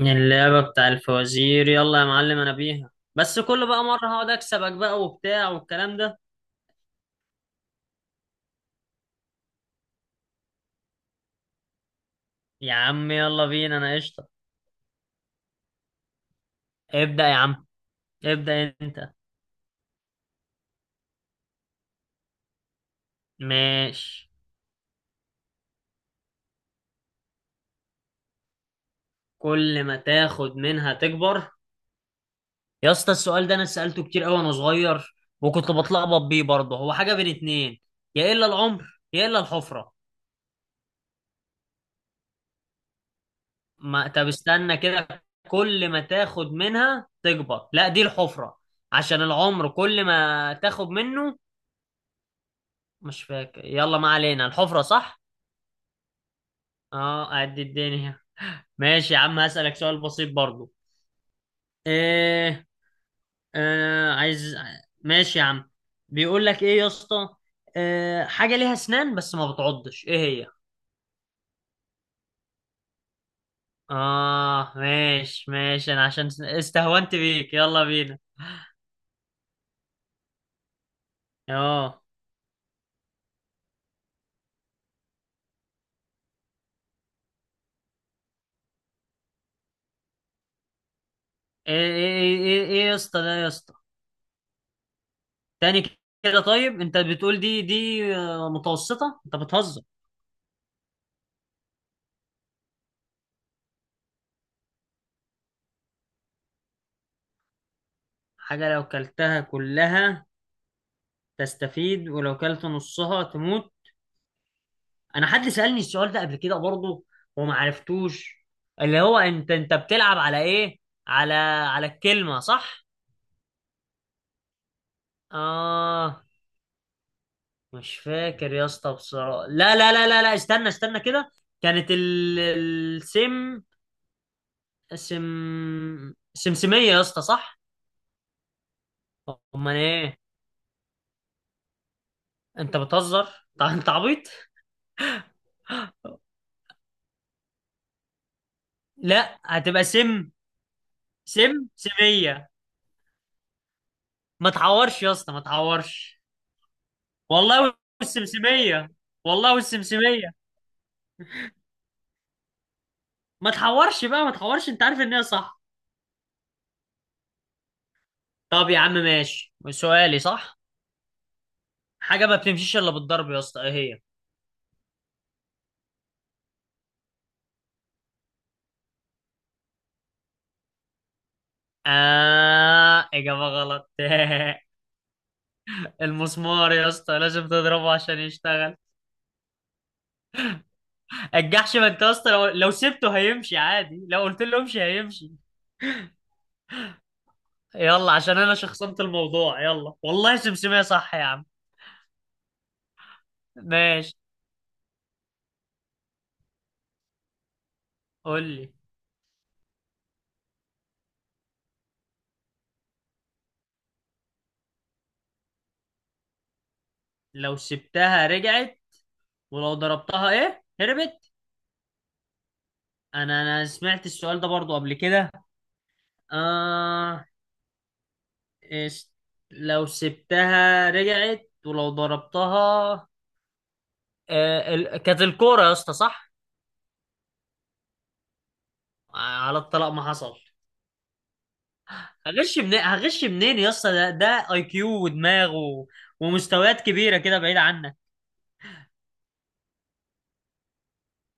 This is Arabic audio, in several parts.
اللعبة بتاع الفوازير، يلا يا معلم انا بيها. بس كل بقى مرة هقعد اكسبك بقى وبتاع والكلام ده. يا عم يلا بينا انا قشطة. ابدأ يا عم، ابدأ انت. ماشي. كل ما تاخد منها تكبر؟ يا اسطى السؤال ده انا سألته كتير قوي وانا صغير، وكنت بتلخبط بيه برضه. هو حاجة بين اتنين، يا الا العمر يا الا الحفرة. ما طب استنى كده، كل ما تاخد منها تكبر، لا دي الحفرة، عشان العمر كل ما تاخد منه. مش فاكر، يلا ما علينا، الحفرة صح؟ اه أعد الدنيا. ماشي يا عم، هسألك سؤال بسيط برضو. ايه؟ آه عايز. ماشي يا عم. بيقول لك ايه يا اسطى، آه حاجة ليها اسنان بس ما بتعضش، ايه هي؟ اه ماشي ماشي، انا عشان استهونت بيك يلا بينا. اه. ايه ايه ايه، ايه إيه يا اسطى، ده يا اسطى، تاني كده؟ طيب انت بتقول دي آه، متوسطة؟ انت بتهزر. حاجة لو كلتها كلها تستفيد، ولو كلت نصها تموت. انا حد سألني السؤال ده قبل كده برضه وما عرفتوش، اللي هو انت بتلعب على ايه، على الكلمة صح. اه. مش فاكر يا اسطى بصراحة، لا، استنى كده. كانت ال... السم، سم سمسمية يا اسطى صح. امال ايه؟ انت بتهزر. طب انت عبيط. لا هتبقى سم، سم سمية. ما تعورش يا اسطى، ما تعورش. والله والسمسمية، والله والسمسمية. ما تحورش بقى، ما تحورش، انت عارف ان هي صح. طب يا عم ماشي، سؤالي صح. حاجة ما بتمشيش الا بالضرب يا اسطى، ايه هي؟ آه إجابة غلط المسمار يا اسطى، لازم تضربه عشان يشتغل. الجحش ما انت يا اسطى لو سبته هيمشي عادي، لو قلت له امشي هيمشي. يلا عشان انا شخصنت الموضوع، يلا والله سمسمية صح يا عم؟ ماشي، قول لي. لو سبتها رجعت، ولو ضربتها ايه؟ هربت. انا سمعت السؤال ده برضو قبل كده. آه إس، لو سبتها رجعت ولو ضربتها، آه ال... كانت الكوره يا اسطى صح. آه على الطلاق ما حصل. هغش منين، هغش منين يا اسطى، ده اي كيو ودماغ و... ومستويات كبيره كده، بعيد عنك.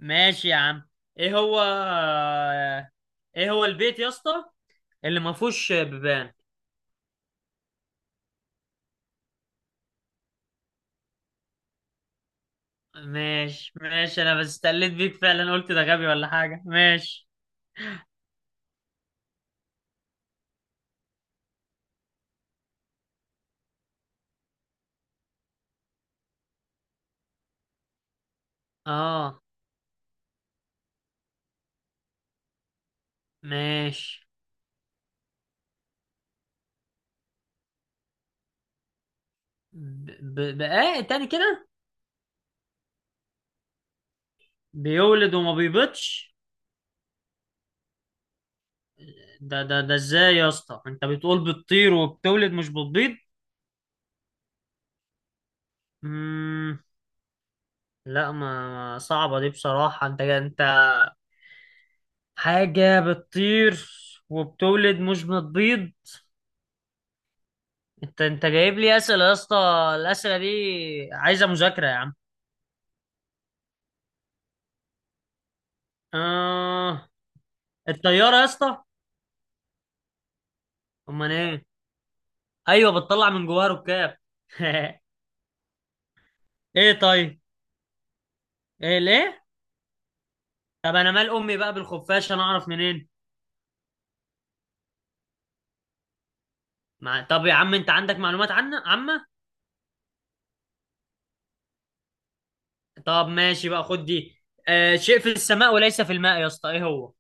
ماشي يا عم. ايه هو، ايه هو البيت يا اسطى اللي ما فيهوش بيبان؟ ماشي ماشي، انا بس استقلت بيك فعلا، قلت ده غبي ولا حاجه، ماشي. اه ماشي. بقى تاني كده؟ بيولد وما بيبيضش؟ ده ازاي يا اسطى؟ انت بتقول بتطير وبتولد مش بتبيض؟ مم... لا صعبة دي بصراحة، انت حاجة بتطير وبتولد مش بتبيض؟ انت جايب لي اسئلة يا اسطى، الاسئلة دي عايزة مذاكرة يا عم. آه... الطيارة يا اسطى. امال ايه؟ ايوه بتطلع من جواها ركاب. ايه طيب، ايه ليه؟ طب انا مال امي بقى بالخفاش، انا اعرف منين؟ مع... طب يا عم انت عندك معلومات عنه عامه. طب ماشي بقى، خد دي. آه شيء في السماء وليس في الماء يا اسطى، ايه هو؟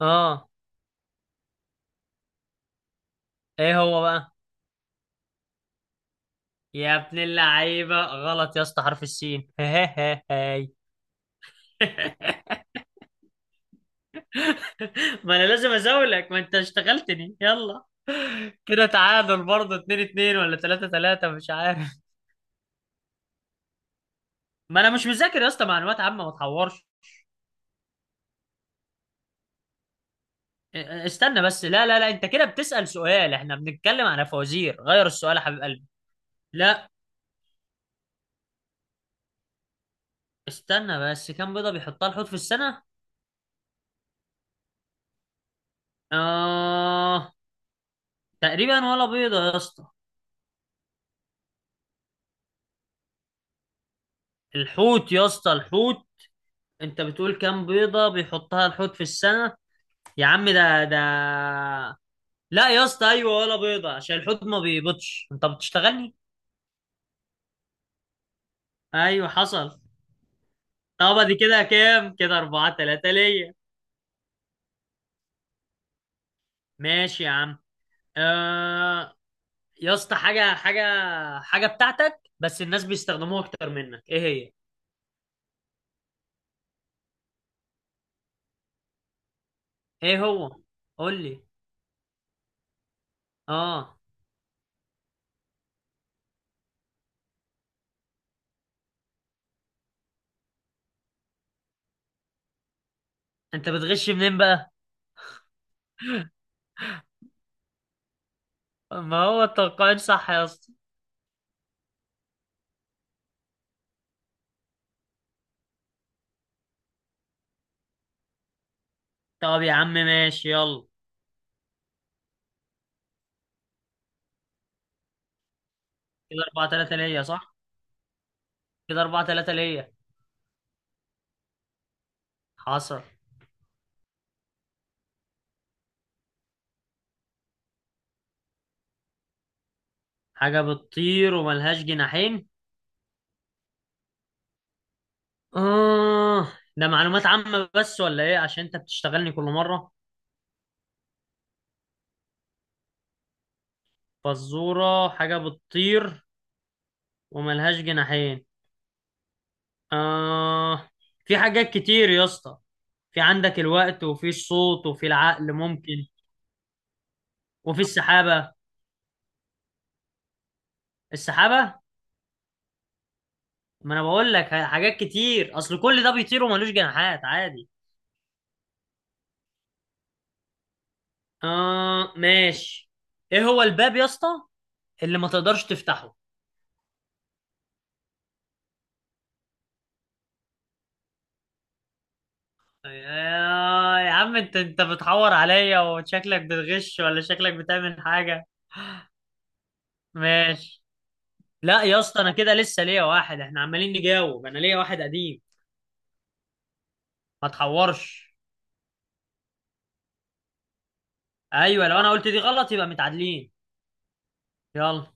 اه. ايه هو بقى؟ يا ابن اللعيبه غلط يا اسطى، حرف السين هاي. ما انا لازم ازولك، ما انت اشتغلتني، يلا. كده تعادل برضه، 2-2 ولا 3-3 مش عارف. ما انا مش مذاكر يا اسطى، معلومات عامه، ما تحورش. استنى بس، لا، انت كده بتسأل سؤال، احنا بنتكلم على فوازير غير السؤال يا حبيب قلبي. لا، استنى بس، كام بيضة بيحطها الحوت في السنة؟ آه، تقريبا ولا بيضة يا اسطى. الحوت يا اسطى، الحوت. انت بتقول كام بيضة بيحطها الحوت في السنة، يا عم ده، لا يا اسطى ايوه ولا بيضة، عشان الحوت ما بيبيضش، انت بتشتغلني. ايوه حصل. طب دي كده كام؟ كده اربعة تلاتة ليا. ماشي يا عم. آه يا اسطى، حاجه حاجه بتاعتك بس الناس بيستخدموها اكتر منك، ايه هي؟ ايه هو؟ قول لي. اه. انت بتغش منين بقى؟ ما هو التلقائي صح يا اسطى. طب يا عم ماشي، يلا. كده 4-3 ليا صح. كده 4-3 ليا. حصل. حاجه بتطير وملهاش جناحين. اه ده معلومات عامه بس ولا ايه؟ عشان انت بتشتغلني كل مره. فزوره حاجه بتطير وملهاش جناحين؟ اه. في حاجات كتير يا اسطى، في عندك الوقت، وفي الصوت، وفي العقل ممكن، وفي السحابة. السحابة. ما انا بقول لك حاجات كتير، اصل كل ده بيطير وملوش جناحات عادي. اه ماشي. ايه هو الباب يا اسطى اللي ما تقدرش تفتحه؟ يا عم انت بتحور عليا، وشكلك بتغش ولا شكلك بتعمل حاجة؟ ماشي. لا يا اسطى، انا كده لسه ليا واحد، احنا عمالين نجاوب، انا ليا واحد قديم، ما تحورش. ايوه لو انا قلت دي غلط يبقى متعادلين. يلا.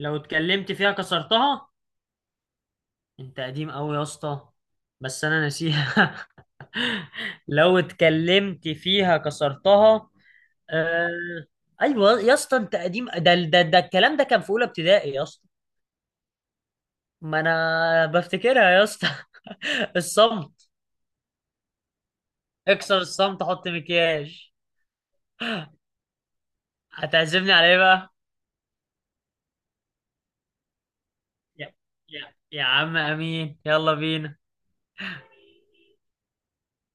لو اتكلمت فيها كسرتها. انت قديم قوي يا اسطى، بس انا ناسيها. لو اتكلمت فيها كسرتها. آه... ايوه يا اسطى انت قديم، ده الكلام ده كان في اولى ابتدائي يا اسطى. ما انا بفتكرها يا اسطى الصمت. اكسر الصمت حط مكياج. هتعزمني على ايه بقى؟ يا عم امين، يلا بينا.